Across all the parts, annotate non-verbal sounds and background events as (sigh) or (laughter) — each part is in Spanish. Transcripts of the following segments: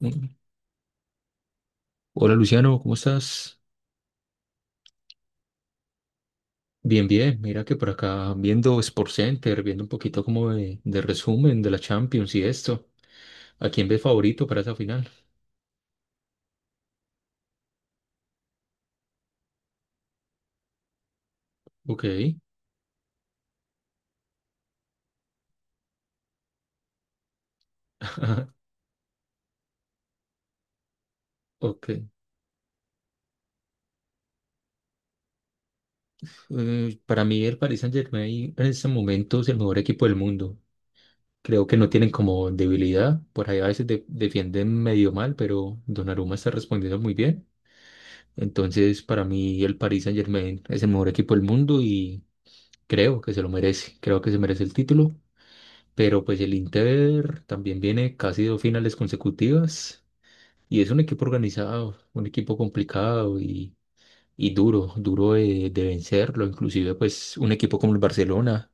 Mm. Hola Luciano, ¿cómo estás? Bien, bien. Mira que por acá viendo Sport Center, viendo un poquito como de resumen de la Champions y esto. ¿A quién ves favorito para esa final? Ok, ok. Para mí el Paris Saint-Germain en este momento es el mejor equipo del mundo. Creo que no tienen como debilidad. Por ahí a veces defienden medio mal, pero Donnarumma está respondiendo muy bien. Entonces, para mí el Paris Saint-Germain es el mejor equipo del mundo y creo que se lo merece. Creo que se merece el título. Pero pues el Inter también viene casi dos finales consecutivas y es un equipo organizado, un equipo complicado y duro, duro de vencerlo. Inclusive pues un equipo como el Barcelona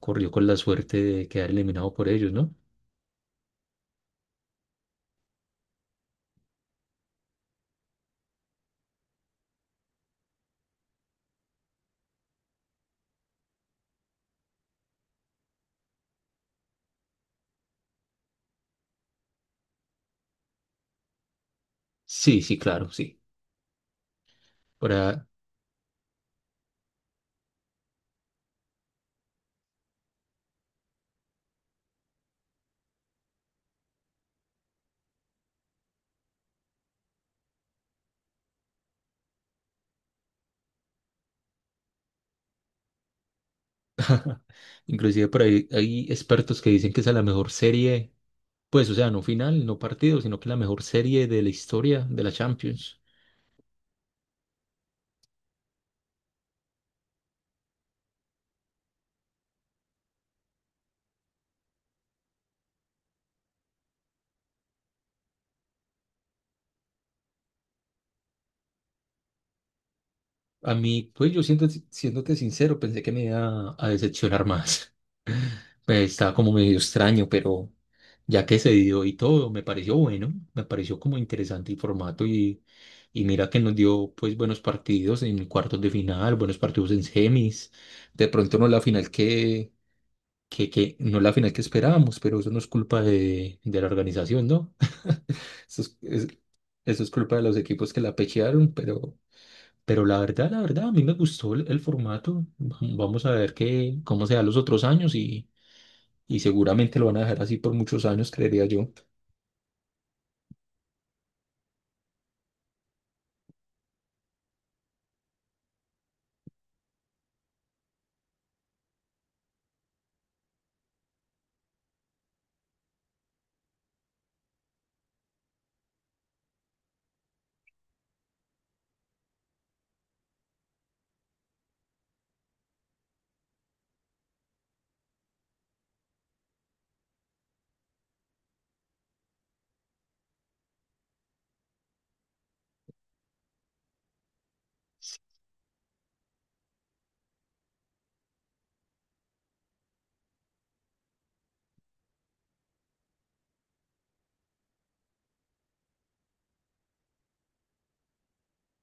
corrió con la suerte de quedar eliminado por ellos, ¿no? Sí, sí, claro, sí. Para, inclusive por ahí hay expertos que dicen que esa es la mejor serie, pues o sea, no final, no partido, sino que la mejor serie de la historia de la Champions. A mí, pues yo siento, siéndote sincero, pensé que me iba a decepcionar más. Pues estaba como medio extraño, pero ya que se dio y todo, me pareció bueno, me pareció como interesante el formato y mira que nos dio pues buenos partidos en cuartos de final, buenos partidos en semis, de pronto no la final que no la final que esperábamos, pero eso no es culpa de la organización, ¿no? (laughs) Eso es, es- Eso es culpa de los equipos que la pechearon, pero la verdad, a mí me gustó el formato. Vamos a ver cómo se da los otros años y seguramente lo van a dejar así por muchos años, creería yo.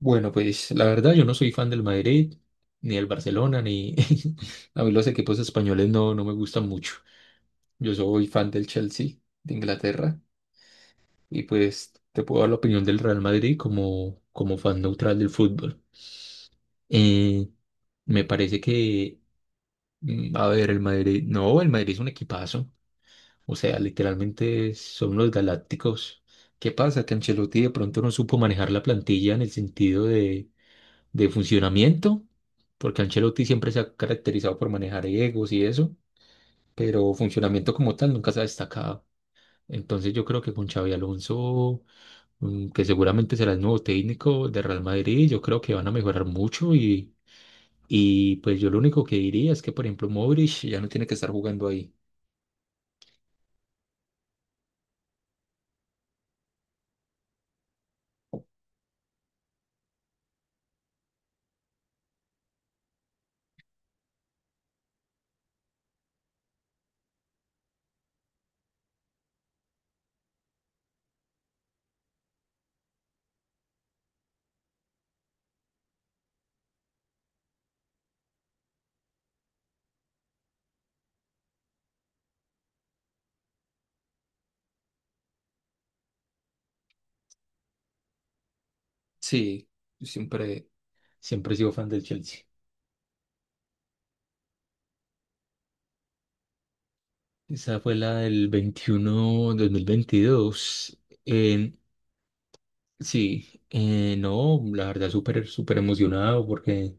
Bueno, pues la verdad yo no soy fan del Madrid, ni del Barcelona, ni (laughs) a mí los equipos españoles no, no me gustan mucho. Yo soy fan del Chelsea de Inglaterra y pues te puedo dar la opinión del Real Madrid como, como fan neutral del fútbol. Eh, me parece que, a ver, el Madrid, no, el Madrid es un equipazo. O sea, literalmente son los galácticos. ¿Qué pasa? Que Ancelotti de pronto no supo manejar la plantilla en el sentido de funcionamiento, porque Ancelotti siempre se ha caracterizado por manejar egos y eso, pero funcionamiento como tal nunca se ha destacado. Entonces yo creo que con Xavi Alonso, que seguramente será el nuevo técnico de Real Madrid, yo creo que van a mejorar mucho y pues yo lo único que diría es que, por ejemplo, Modric ya no tiene que estar jugando ahí. Sí, yo siempre, siempre he sido fan del Chelsea. Esa fue la del 2021-2022. Eh, sí, no, la verdad súper, súper emocionado porque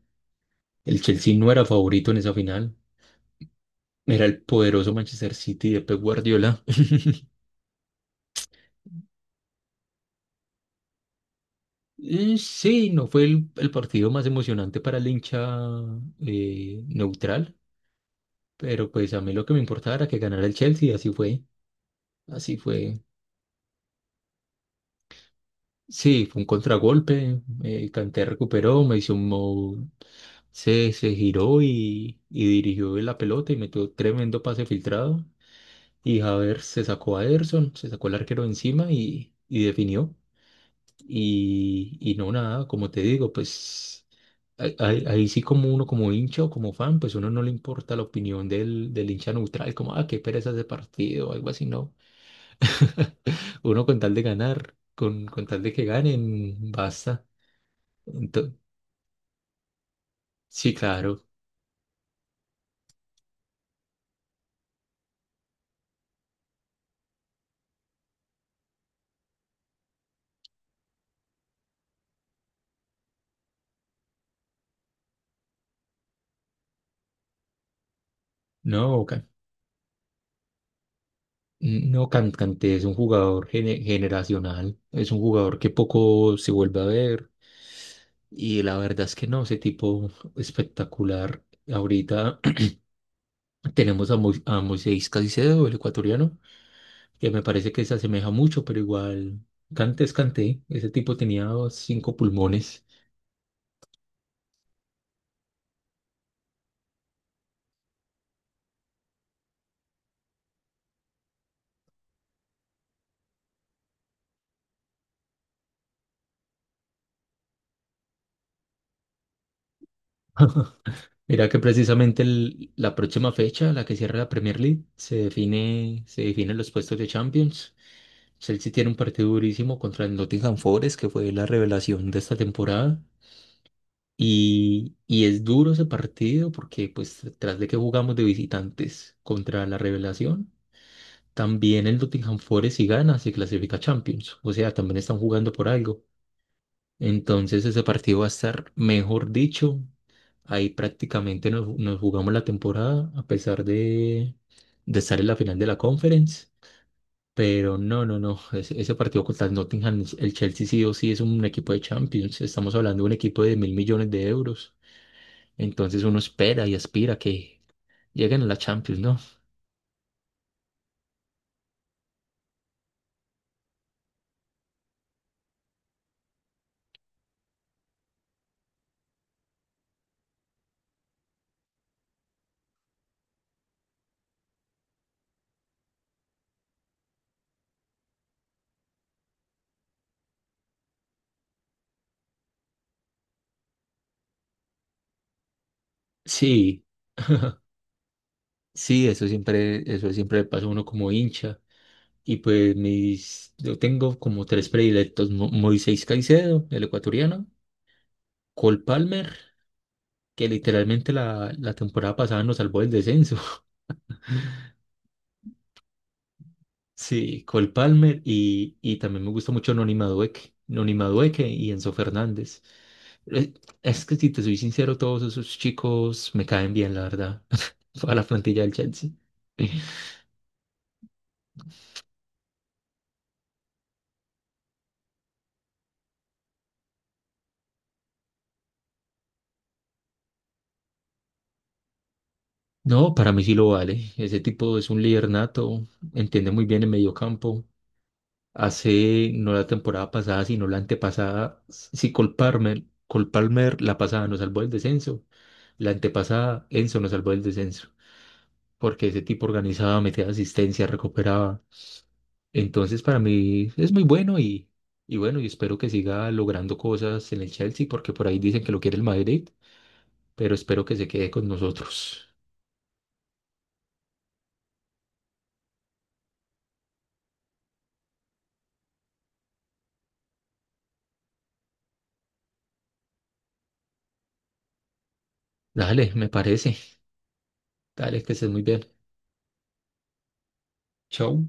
el Chelsea no era favorito en esa final. Era el poderoso Manchester City de Pep Guardiola. (laughs) Sí, no fue el partido más emocionante para el hincha neutral, pero pues a mí lo que me importaba era que ganara el Chelsea, así fue, así fue. Sí, fue un contragolpe, Kanté recuperó, me hizo. Se giró y dirigió la pelota y metió tremendo pase filtrado. Y Havertz se sacó a Ederson, se sacó el arquero encima y definió. Y no nada, como te digo, pues ahí sí como uno como hincha o como fan, pues uno no le importa la opinión del hincha neutral, como, ah, qué pereza ese partido o algo así, no. (laughs) Uno con tal de ganar, con tal de que ganen, basta. Ento- sí, claro. No, no, Kanté es un jugador generacional, es un jugador que poco se vuelve a ver y la verdad es que no, ese tipo espectacular. Ahorita (clears throat) tenemos a Moisés Caicedo, el ecuatoriano, que me parece que se asemeja mucho, pero igual Kanté es Kanté, ese tipo tenía cinco pulmones. (laughs) Mira que precisamente la próxima fecha, la que cierra la Premier League, se definen los puestos de Champions. Chelsea tiene un partido durísimo contra el Nottingham Forest, que fue la revelación de esta temporada. Y es duro ese partido porque, pues, tras de que jugamos de visitantes contra la revelación, también el Nottingham Forest, si gana, se clasifica a Champions. O sea, también están jugando por algo. Entonces, ese partido va a estar, mejor dicho, ahí prácticamente nos, nos jugamos la temporada, a pesar de estar en la final de la Conference. Pero no, no, no. Ese partido contra el Nottingham, el Chelsea sí o sí es un equipo de Champions. Estamos hablando de un equipo de 1.000 millones de euros. Entonces uno espera y aspira que lleguen a la Champions, ¿no? Sí, sí, eso siempre le pasa a uno como hincha. Y pues yo tengo como tres predilectos, Moisés Caicedo, el ecuatoriano, Cole Palmer, que literalmente la temporada pasada nos salvó del descenso. Sí, Cole Palmer y también me gusta mucho Noni Madueke, Noni Madueke y Enzo Fernández. Eh, Es que si te soy sincero, todos esos chicos me caen bien, la verdad, (laughs) a la plantilla del Chelsea. No, para mí sí lo vale. Ese tipo es un líder nato, entiende muy bien el mediocampo. Hace, no la temporada pasada, sino la antepasada, si Cole Palmer, Cole Palmer la pasada nos salvó del descenso, la antepasada Enzo nos salvó del descenso, porque ese tipo organizaba, metía asistencia, recuperaba. Entonces, para mí es muy bueno y bueno, y espero que siga logrando cosas en el Chelsea, porque por ahí dicen que lo quiere el Madrid, pero espero que se quede con nosotros. Dale, me parece. Dale, que estés muy bien. Chao.